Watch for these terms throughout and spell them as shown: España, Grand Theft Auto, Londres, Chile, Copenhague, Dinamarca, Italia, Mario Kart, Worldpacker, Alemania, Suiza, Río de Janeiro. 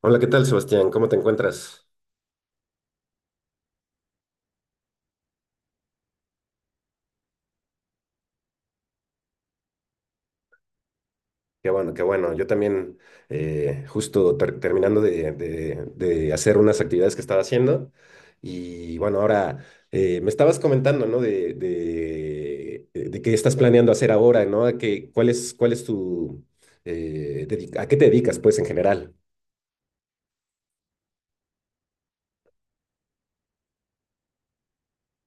Hola, ¿qué tal, Sebastián? ¿Cómo te encuentras? Qué bueno, qué bueno. Yo también, justo terminando de hacer unas actividades que estaba haciendo. Y bueno, ahora me estabas comentando, ¿no? De qué estás planeando hacer ahora, ¿no? ¿A qué- cuál es tu, a qué te dedicas, pues, ¿en general?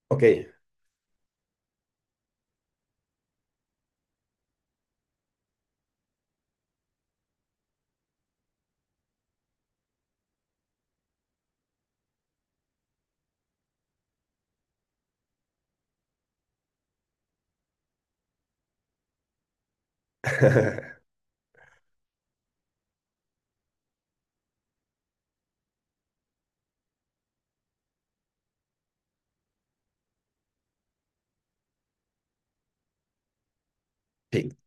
Ok. Sí,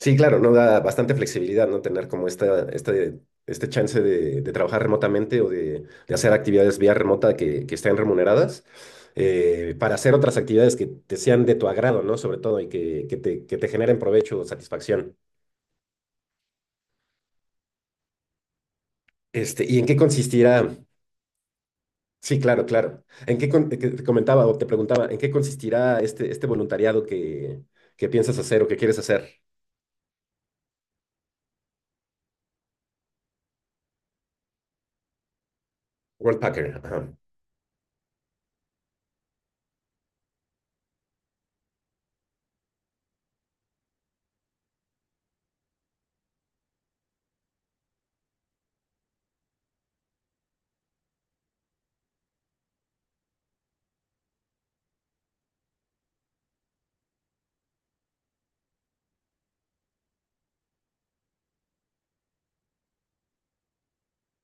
sí, claro, no da bastante flexibilidad, ¿no? Tener como este chance de trabajar remotamente o de hacer actividades vía remota que estén remuneradas, para hacer otras actividades que te sean de tu agrado, ¿no? Sobre todo y que, que te generen provecho o satisfacción. Este, ¿y en qué consistirá? Sí, claro, claro. ¿ Que te comentaba o te preguntaba, ¿en qué consistirá este voluntariado que piensas hacer o que quieres hacer? Worldpacker. Ajá.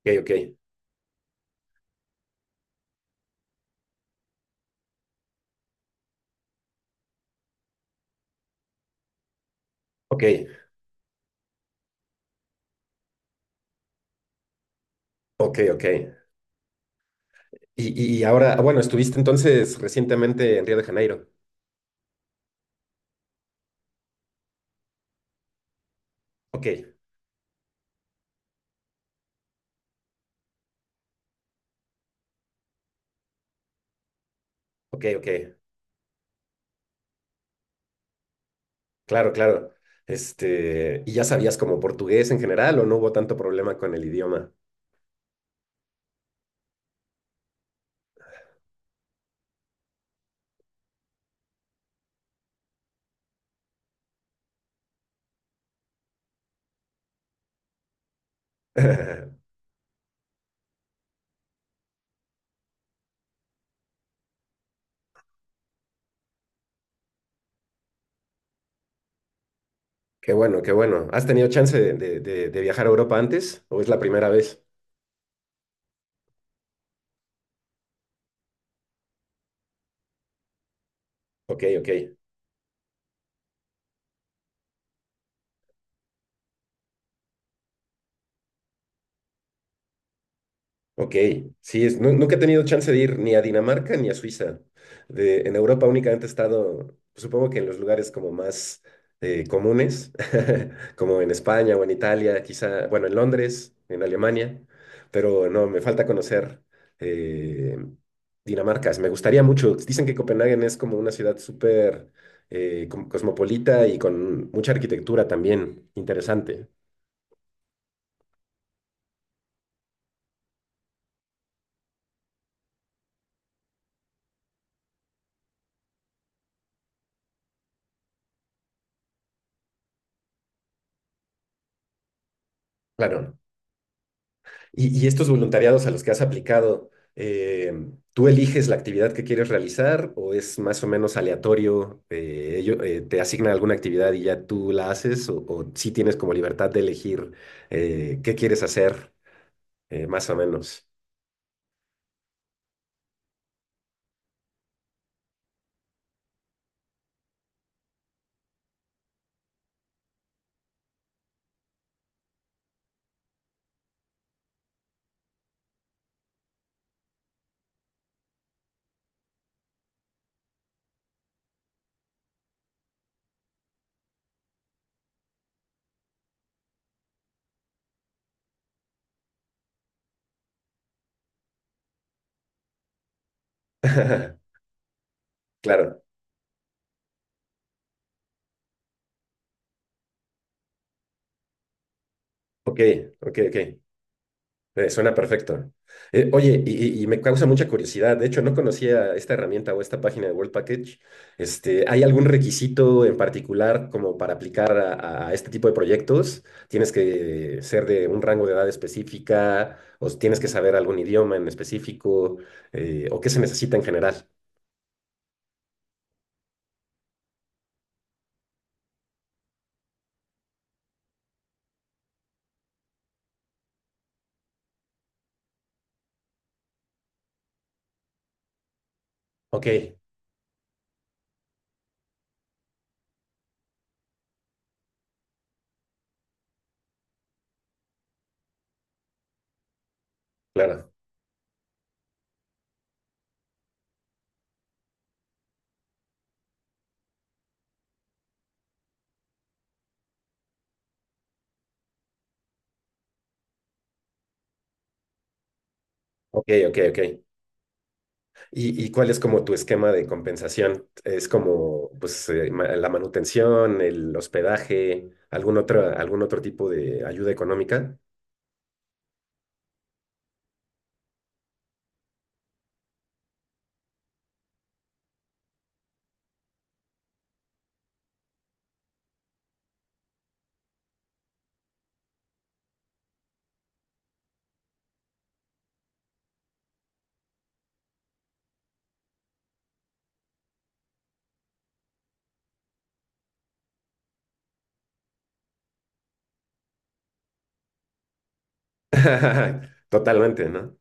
Ok, ok. Ok, ok, ok. Y ahora, bueno, estuviste entonces recientemente en Río de Janeiro. Ok, ok, ok. Claro, claro. Este, ¿y ya sabías como portugués en general o no hubo tanto problema con el idioma? Qué bueno, qué bueno. ¿Has tenido chance de viajar a Europa antes o es la primera vez? Ok, ok. Ok, sí, nunca he tenido chance de ir ni a Dinamarca ni a Suiza. De, en Europa únicamente he estado, supongo que en los lugares como más comunes, como en España o en Italia, quizá, bueno, en Londres, en Alemania, pero no, me falta conocer eh, Dinamarca. Me gustaría mucho. Dicen que Copenhague es como una ciudad súper cosmopolita y con mucha arquitectura también, interesante. Claro. Y estos voluntariados a los que has aplicado, eh, ¿tú eliges la actividad que quieres realizar o es más o menos aleatorio? ¿Te asignan alguna actividad y ya tú la haces? O sí tienes como libertad de elegir, qué quieres hacer, más o menos? Claro, ok, ok, ok. Suena perfecto. Oye, y me causa mucha curiosidad. De hecho, no conocía esta herramienta o esta página de World Package. Este, ¿hay algún requisito en particular como para aplicar a este tipo de proyectos? ¿Tienes que ser de un rango de edad específica o tienes que saber algún idioma en específico, o qué se necesita en general? Ok, claro. Ok, ok, ok. Y cuál es como tu esquema de compensación? ¿Es como pues, la manutención, el hospedaje, algún otro tipo de ayuda económica? Totalmente, ¿no?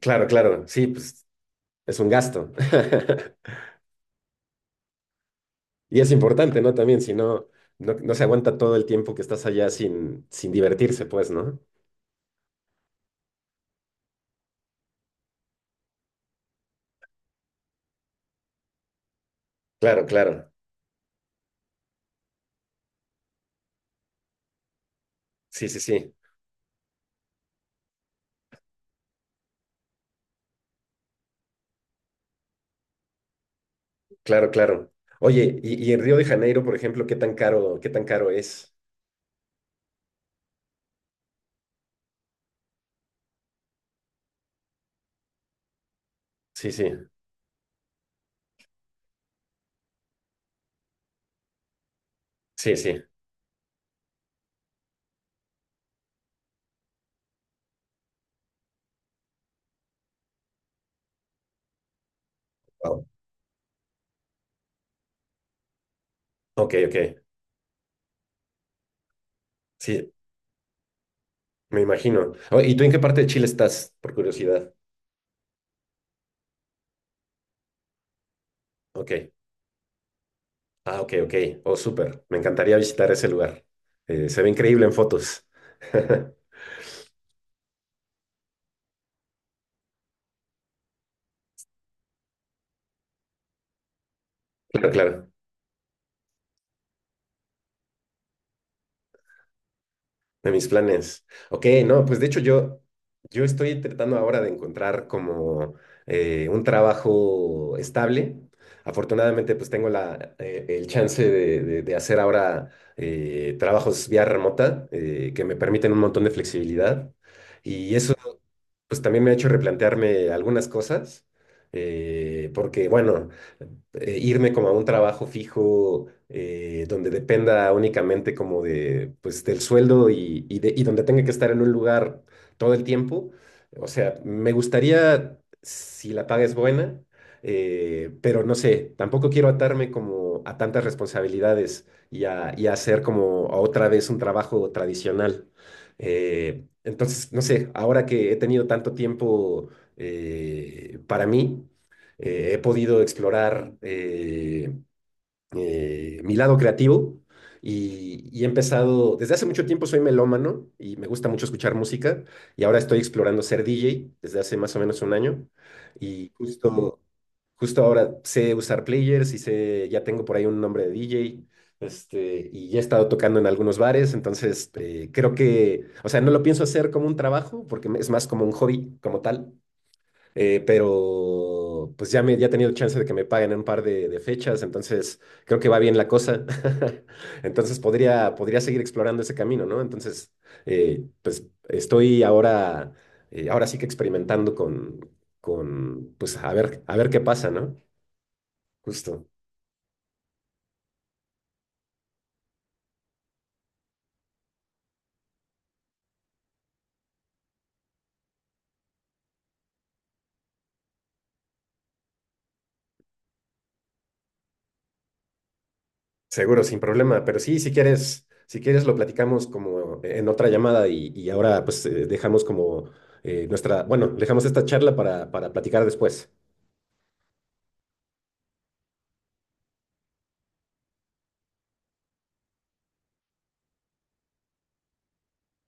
Claro, claro, sí, pues es un gasto. Y es importante, ¿no? También, si no, no, no se aguanta todo el tiempo que estás allá sin, sin divertirse, pues, ¿no? Claro, claro. Sí, sí, sí. Claro, claro. Oye, y en Río de Janeiro, por ejemplo, qué tan caro es? Sí, sí, sí, sí. Ok, ok. Sí, me imagino. Oh, ¿y tú en qué parte de Chile estás, por curiosidad? Ok. Ah, ok, ok. Oh, súper. Me encantaría visitar ese lugar. Se ve increíble en fotos. Claro, claro. De mis planes. Ok, no, pues de hecho yo, yo estoy tratando ahora de encontrar como un trabajo estable. Afortunadamente, pues tengo la, el chance de hacer ahora trabajos vía remota, que me permiten un montón de flexibilidad. Y eso pues también me ha hecho replantearme algunas cosas, porque bueno, irme como a un trabajo fijo, donde dependa únicamente como de, pues, del sueldo y y donde tenga que estar en un lugar todo el tiempo, o sea, me gustaría si la paga es buena, pero no sé, tampoco quiero atarme como a tantas responsabilidades y a hacer como otra vez un trabajo tradicional. Eh, entonces, no sé, ahora que he tenido tanto tiempo, para mí, he podido explorar, mi lado creativo y he empezado, desde hace mucho tiempo soy melómano y me gusta mucho escuchar música y ahora estoy explorando ser DJ desde hace más o menos 1 año y justo, justo ahora sé usar players y sé, ya tengo por ahí un nombre de DJ. Este, y ya he estado tocando en algunos bares, entonces creo que, o sea, no lo pienso hacer como un trabajo, es más como un hobby como tal, pero pues ya, me, ya he tenido chance de que me paguen en un par de fechas, entonces creo que va bien la cosa. Entonces podría, podría seguir explorando ese camino, ¿no? Entonces, pues estoy ahora, ahora sí que experimentando con, pues a ver qué pasa, ¿no? Justo, seguro, sin problema, pero sí, si quieres, si quieres lo platicamos como en otra llamada y ahora pues dejamos como bueno, dejamos esta charla para platicar después.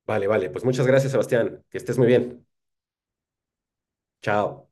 Vale, vale. Pues muchas gracias, Sebastián. Que estés muy bien. Chao.